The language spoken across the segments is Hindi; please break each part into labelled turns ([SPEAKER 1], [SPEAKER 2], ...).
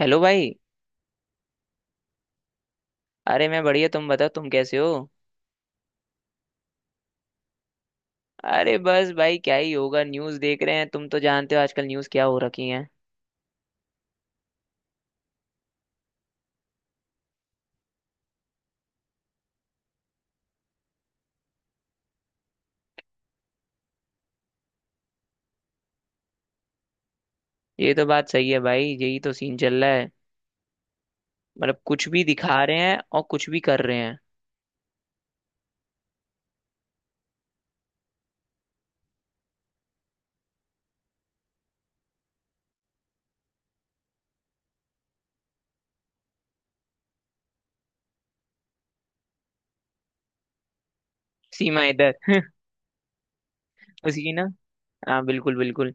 [SPEAKER 1] हेलो भाई। अरे, मैं बढ़िया। तुम बताओ, तुम कैसे हो? अरे बस भाई, क्या ही होगा। न्यूज़ देख रहे हैं, तुम तो जानते हो आजकल न्यूज़ क्या हो रखी है। ये तो बात सही है भाई, यही तो सीन चल रहा है। मतलब कुछ भी दिखा रहे हैं और कुछ भी कर रहे हैं। सीमा इधर उसी की ना। हाँ, बिल्कुल बिल्कुल।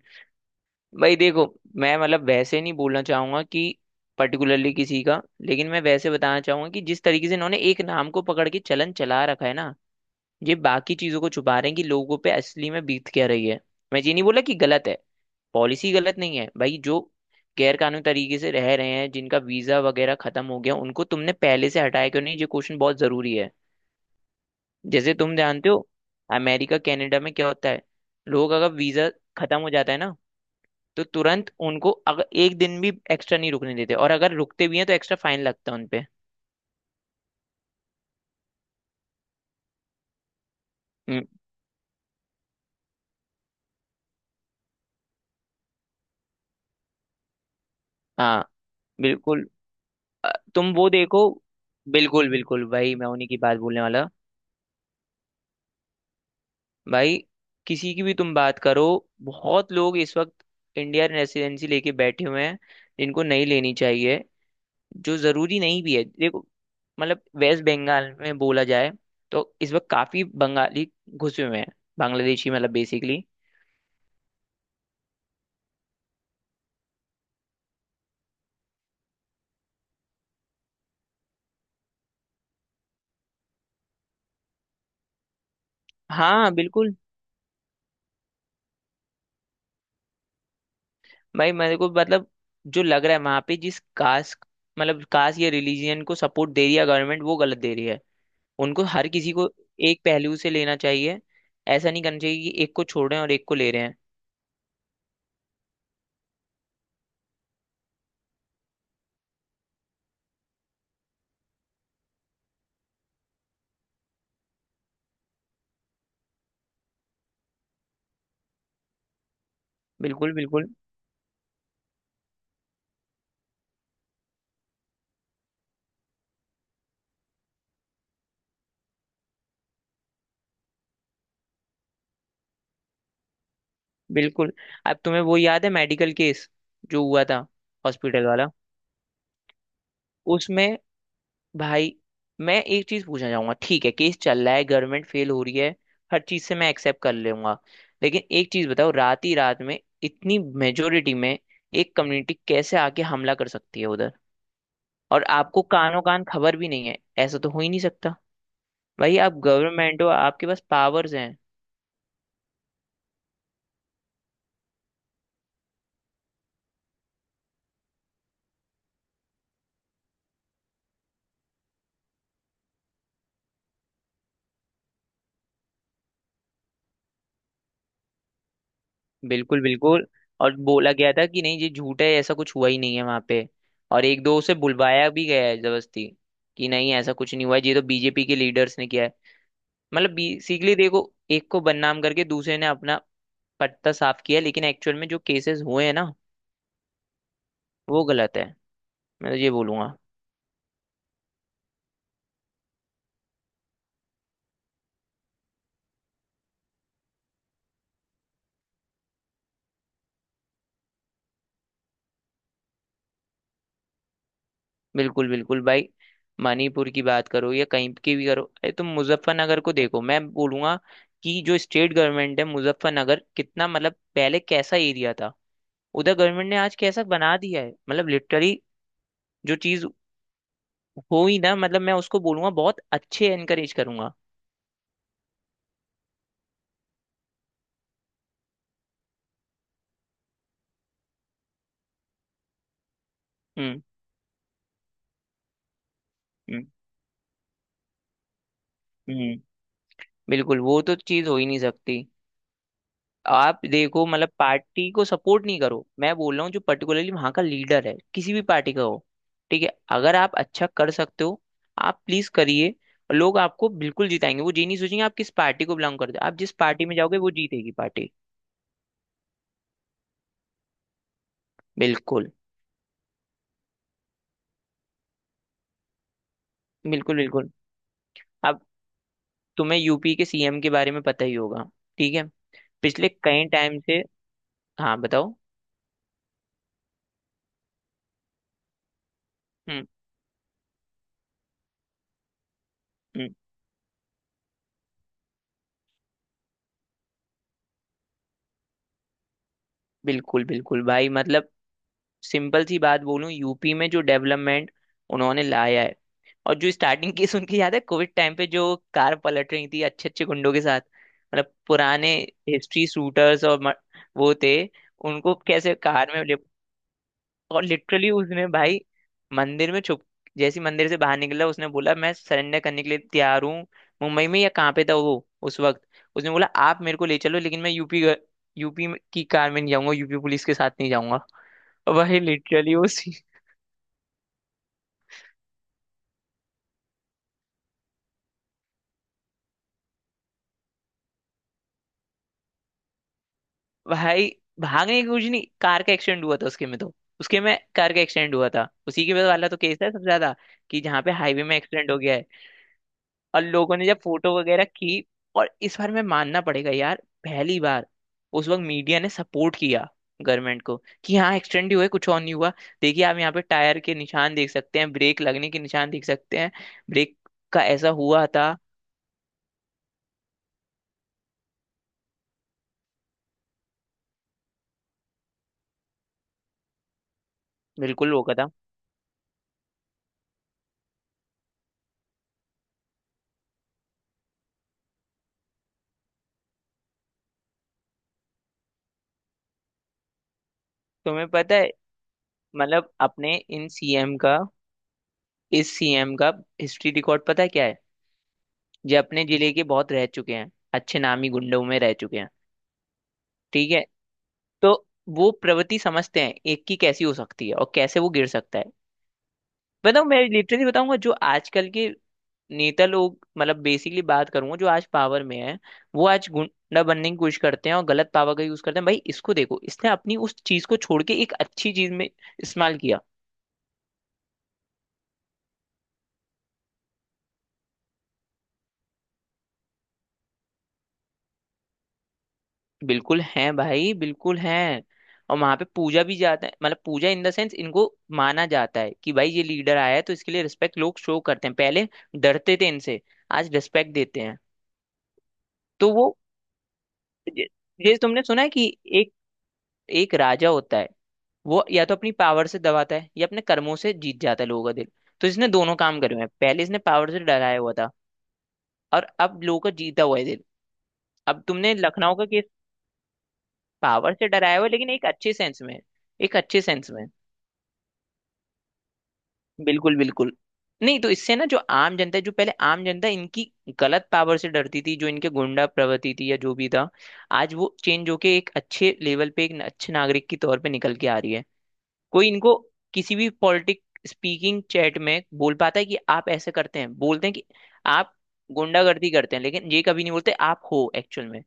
[SPEAKER 1] भाई देखो, मैं मतलब वैसे नहीं बोलना चाहूंगा कि पर्टिकुलरली किसी का, लेकिन मैं वैसे बताना चाहूंगा कि जिस तरीके से इन्होंने एक नाम को पकड़ के चलन चला रखा है ना, ये बाकी चीजों को छुपा रहे हैं कि लोगों पे असली में बीत क्या रही है। मैं ये नहीं बोला कि गलत है। पॉलिसी गलत नहीं है भाई। जो गैर कानूनी तरीके से रह रहे हैं, जिनका वीजा वगैरह खत्म हो गया, उनको तुमने पहले से हटाया क्यों नहीं? ये क्वेश्चन बहुत जरूरी है। जैसे तुम जानते हो अमेरिका कनाडा में क्या होता है। लोग अगर वीजा खत्म हो जाता है ना, तो तुरंत उनको अगर एक दिन भी एक्स्ट्रा नहीं रुकने देते, और अगर रुकते भी हैं तो एक्स्ट्रा फाइन लगता है उनपे। हम्म। हाँ, बिल्कुल। तुम वो देखो। बिल्कुल बिल्कुल भाई, मैं उन्हीं की बात बोलने वाला। भाई, किसी की भी तुम बात करो, बहुत लोग इस वक्त इंडियन रेसिडेंसी लेके बैठे हुए हैं जिनको नहीं लेनी चाहिए, जो जरूरी नहीं भी है। देखो, मतलब वेस्ट बंगाल में बोला जाए तो इस वक्त काफी बंगाली घुसे हुए हैं, बांग्लादेशी मतलब बेसिकली। हाँ, बिल्कुल। भाई मेरे को मतलब जो लग रहा है वहां पे, जिस कास्ट मतलब कास्ट या रिलीजियन को सपोर्ट दे रही है गवर्नमेंट, वो गलत दे रही है। उनको हर किसी को एक पहलू से लेना चाहिए। ऐसा नहीं करना चाहिए कि एक को छोड़ रहे हैं और एक को ले रहे हैं। बिल्कुल, बिल्कुल, बिल्कुल। अब तुम्हें वो याद है मेडिकल केस जो हुआ था, हॉस्पिटल वाला? उसमें भाई मैं एक चीज पूछना चाहूंगा, ठीक है। केस चल रहा है, गवर्नमेंट फेल हो रही है, हर चीज से मैं एक्सेप्ट कर लूंगा। लेकिन एक चीज बताओ, रात ही रात में इतनी मेजोरिटी में एक कम्युनिटी कैसे आके हमला कर सकती है उधर? और आपको कानों कान खबर भी नहीं है? ऐसा तो हो ही नहीं सकता। भाई आप गवर्नमेंट हो, आपके पास पावर्स हैं। बिल्कुल, बिल्कुल। और बोला गया था कि नहीं, ये झूठ है, ऐसा कुछ हुआ ही नहीं है वहां पे। और एक दो से बुलवाया भी गया है जबरदस्ती कि नहीं, ऐसा कुछ नहीं हुआ है, ये तो बीजेपी के लीडर्स ने किया है। मतलब बेसिकली देखो, एक को बदनाम करके दूसरे ने अपना पत्ता साफ किया, लेकिन एक्चुअल में जो केसेस हुए हैं ना, वो गलत है। मैं तो ये बोलूंगा। बिल्कुल बिल्कुल भाई, मणिपुर की बात करो या कहीं की भी करो। अरे तुम मुजफ्फरनगर को देखो, मैं बोलूंगा कि जो स्टेट गवर्नमेंट है, मुजफ्फरनगर कितना मतलब पहले कैसा एरिया था, उधर गवर्नमेंट ने आज कैसा बना दिया है, मतलब लिटरली। जो चीज हो ही ना, मतलब मैं उसको बोलूंगा, बहुत अच्छे एनकरेज करूंगा। हम्म। हम्म। हम्म। बिल्कुल, वो तो चीज हो ही नहीं सकती। आप देखो, मतलब पार्टी को सपोर्ट नहीं करो, मैं बोल रहा हूँ जो पर्टिकुलरली वहां का लीडर है किसी भी पार्टी का हो, ठीक है, अगर आप अच्छा कर सकते हो, आप प्लीज करिए। लोग आपको बिल्कुल जिताएंगे, वो ये नहीं सोचेंगे आप किस पार्टी को बिलोंग करते हो। आप जिस पार्टी में जाओगे, वो जीतेगी पार्टी। बिल्कुल, बिल्कुल, बिल्कुल। आप तुम्हें यूपी के सीएम के बारे में पता ही होगा, ठीक है, पिछले कई टाइम से। हाँ, बताओ। हम्म। हम्म। बिल्कुल, बिल्कुल भाई मतलब, सिंपल सी बात बोलूं, यूपी में जो डेवलपमेंट उन्होंने लाया है। और जो स्टार्टिंग केस उनकी याद है, कोविड टाइम पे जो कार पलट रही थी अच्छे अच्छे गुंडों के साथ, मतलब पुराने हिस्ट्री शूटर्स, और वो थे, उनको कैसे कार में ले। और लिटरली उसने भाई मंदिर में छुप, जैसे ही मंदिर से बाहर निकला उसने बोला मैं सरेंडर करने के लिए तैयार हूँ। मुंबई में या कहाँ पे था वो उस वक्त, उसने बोला आप मेरे को ले चलो, लेकिन मैं यूपी यूपी की कार में नहीं जाऊंगा, यूपी पुलिस के साथ नहीं जाऊंगा। भाई लिटरली उसी, भाई, भागने की कुछ नहीं, कार का एक्सीडेंट हुआ था उसके में तो। उसके में कार का एक्सीडेंट हुआ था, उसी के वाला तो केस है सबसे ज्यादा कि जहाँ पे हाईवे में एक्सीडेंट हो गया है। और लोगों ने जब फोटो वगैरह की, और इस बार मैं मानना पड़ेगा यार, पहली बार उस वक्त मीडिया ने सपोर्ट किया गवर्नमेंट को कि हाँ, एक्सीडेंट ही हुआ है, कुछ और नहीं हुआ। देखिए, आप यहाँ पे टायर के निशान देख सकते हैं, ब्रेक लगने के निशान देख सकते हैं। ब्रेक का ऐसा हुआ था, बिल्कुल वो था। तुम्हें पता है, मतलब अपने इन सीएम का इस सीएम का हिस्ट्री रिकॉर्ड पता है क्या है? ये अपने जिले के बहुत रह चुके हैं, अच्छे नामी गुंडों में रह चुके हैं, ठीक है। तो वो प्रवृत्ति समझते हैं एक की कैसी हो सकती है और कैसे वो गिर सकता है। बताओ, मैं लिटरली बताऊंगा जो आजकल के नेता लोग, मतलब बेसिकली बात करूंगा, जो आज पावर में है वो आज गुंडा बनने की कोशिश करते हैं और गलत पावर का यूज करते हैं। भाई इसको देखो, इसने अपनी उस चीज को छोड़ के एक अच्छी चीज में इस्तेमाल किया। बिल्कुल है भाई, बिल्कुल है। और वहां पे पूजा भी जाता है, मतलब पूजा इन द सेंस इनको माना जाता है कि भाई ये लीडर आया है तो इसके लिए रिस्पेक्ट लोग शो करते हैं। पहले डरते थे इनसे, आज रिस्पेक्ट देते हैं। तो वो, ये ये तुमने सुना है कि एक एक राजा होता है, वो या तो अपनी पावर से दबाता है या अपने कर्मों से जीत जाता है लोगों का दिल। तो इसने दोनों काम करे हुए हैं, पहले इसने पावर से डराया हुआ था और अब लोगों का जीता हुआ है दिल। अब तुमने लखनऊ का केस, पावर से डराया हुआ है लेकिन एक अच्छे सेंस में। एक अच्छे सेंस में। बिल्कुल, बिल्कुल। नहीं तो इससे ना जो आम जनता है, जो पहले आम जनता इनकी गलत पावर से डरती थी, जो इनके गुंडा प्रवृत्ति थी या जो भी था, आज वो चेंज होके एक अच्छे लेवल पे, एक अच्छे नागरिक के तौर पे निकल के आ रही है। कोई इनको किसी भी पॉलिटिक स्पीकिंग चैट में बोल पाता है कि आप ऐसे करते हैं, बोलते हैं कि आप गुंडागर्दी करते हैं, लेकिन ये कभी नहीं बोलते आप हो एक्चुअल में।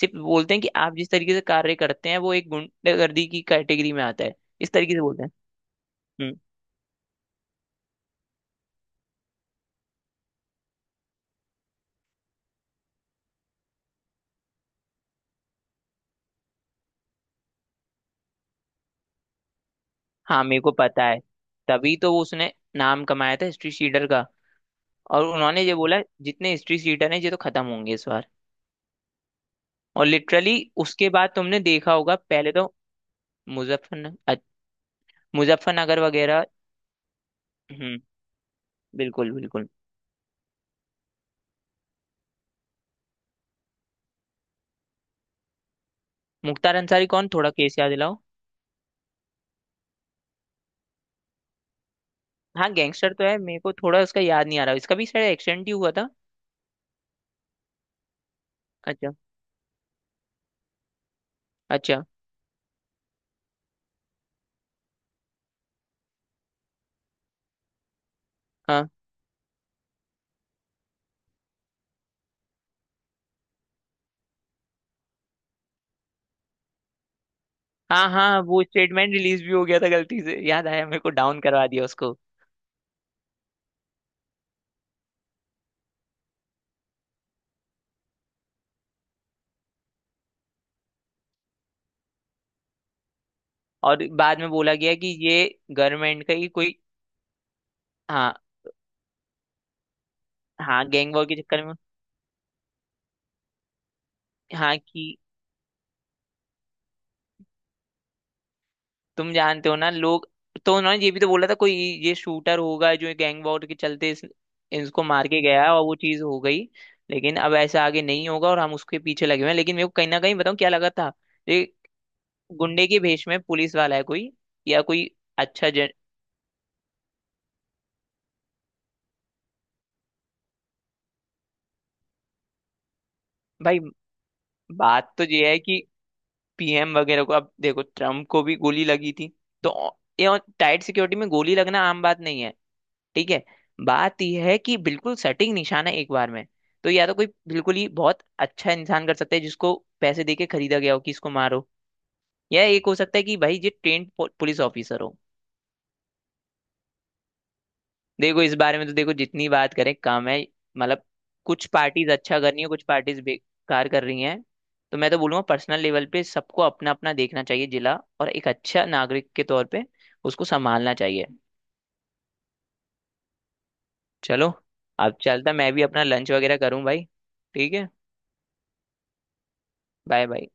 [SPEAKER 1] सिर्फ बोलते हैं कि आप जिस तरीके से कार्य करते हैं वो एक गुंडागर्दी की कैटेगरी में आता है, इस तरीके से बोलते हैं। हम्म। हाँ, मेरे को पता है। तभी तो वो उसने नाम कमाया था हिस्ट्री सीटर का। और उन्होंने ये बोला जितने हिस्ट्री सीटर हैं ये तो खत्म होंगे इस बार। और लिटरली उसके बाद तुमने देखा होगा, पहले तो मुजफ्फर मुजफ्फरनगर वगैरह। हम्म। बिल्कुल, बिल्कुल। मुख्तार अंसारी कौन? थोड़ा केस याद दिलाओ। हाँ, गैंगस्टर तो है, मेरे को थोड़ा उसका याद नहीं आ रहा, इसका भी शायद एक्सीडेंट ही हुआ था। अच्छा। अच्छा। हाँ, हाँ, हाँ, वो स्टेटमेंट रिलीज भी हो गया था, गलती से याद आया मेरे को, डाउन करवा दिया उसको। और बाद में बोला गया कि ये गवर्नमेंट का ही कोई। हाँ, हाँ, गैंग वॉर के चक्कर में। हाँ कि, तुम जानते हो ना लोग, तो उन्होंने ये भी तो बोला था कोई ये शूटर होगा जो गैंग वॉर के चलते इसको मार के गया और वो चीज हो गई। लेकिन अब ऐसा आगे नहीं होगा और हम उसके पीछे लगे हुए हैं। लेकिन मेरे को कहीं ना कहीं बताऊं क्या लगा था, ये गुंडे के भेष में पुलिस वाला है कोई, या कोई अच्छा जन। भाई बात तो ये है कि पीएम वगैरह को, अब देखो ट्रम्प को भी गोली लगी थी, तो ये टाइट सिक्योरिटी में गोली लगना आम बात नहीं है, ठीक है। बात यह है कि बिल्कुल सटीक निशाना एक बार में, तो या तो कोई बिल्कुल ही बहुत अच्छा इंसान कर सकता है जिसको पैसे देके खरीदा गया हो कि इसको मारो, या एक हो सकता है कि भाई ये ट्रेंड पुलिस ऑफिसर हो। देखो, इस बारे में तो देखो जितनी बात करें कम है। मतलब कुछ पार्टीज अच्छा कर रही है, कुछ पार्टीज बेकार कर रही हैं। तो मैं तो बोलूंगा पर्सनल लेवल पे सबको अपना अपना देखना चाहिए जिला, और एक अच्छा नागरिक के तौर पे उसको संभालना चाहिए। चलो, अब चलता, मैं भी अपना लंच वगैरह करूं भाई। ठीक है। Bye bye.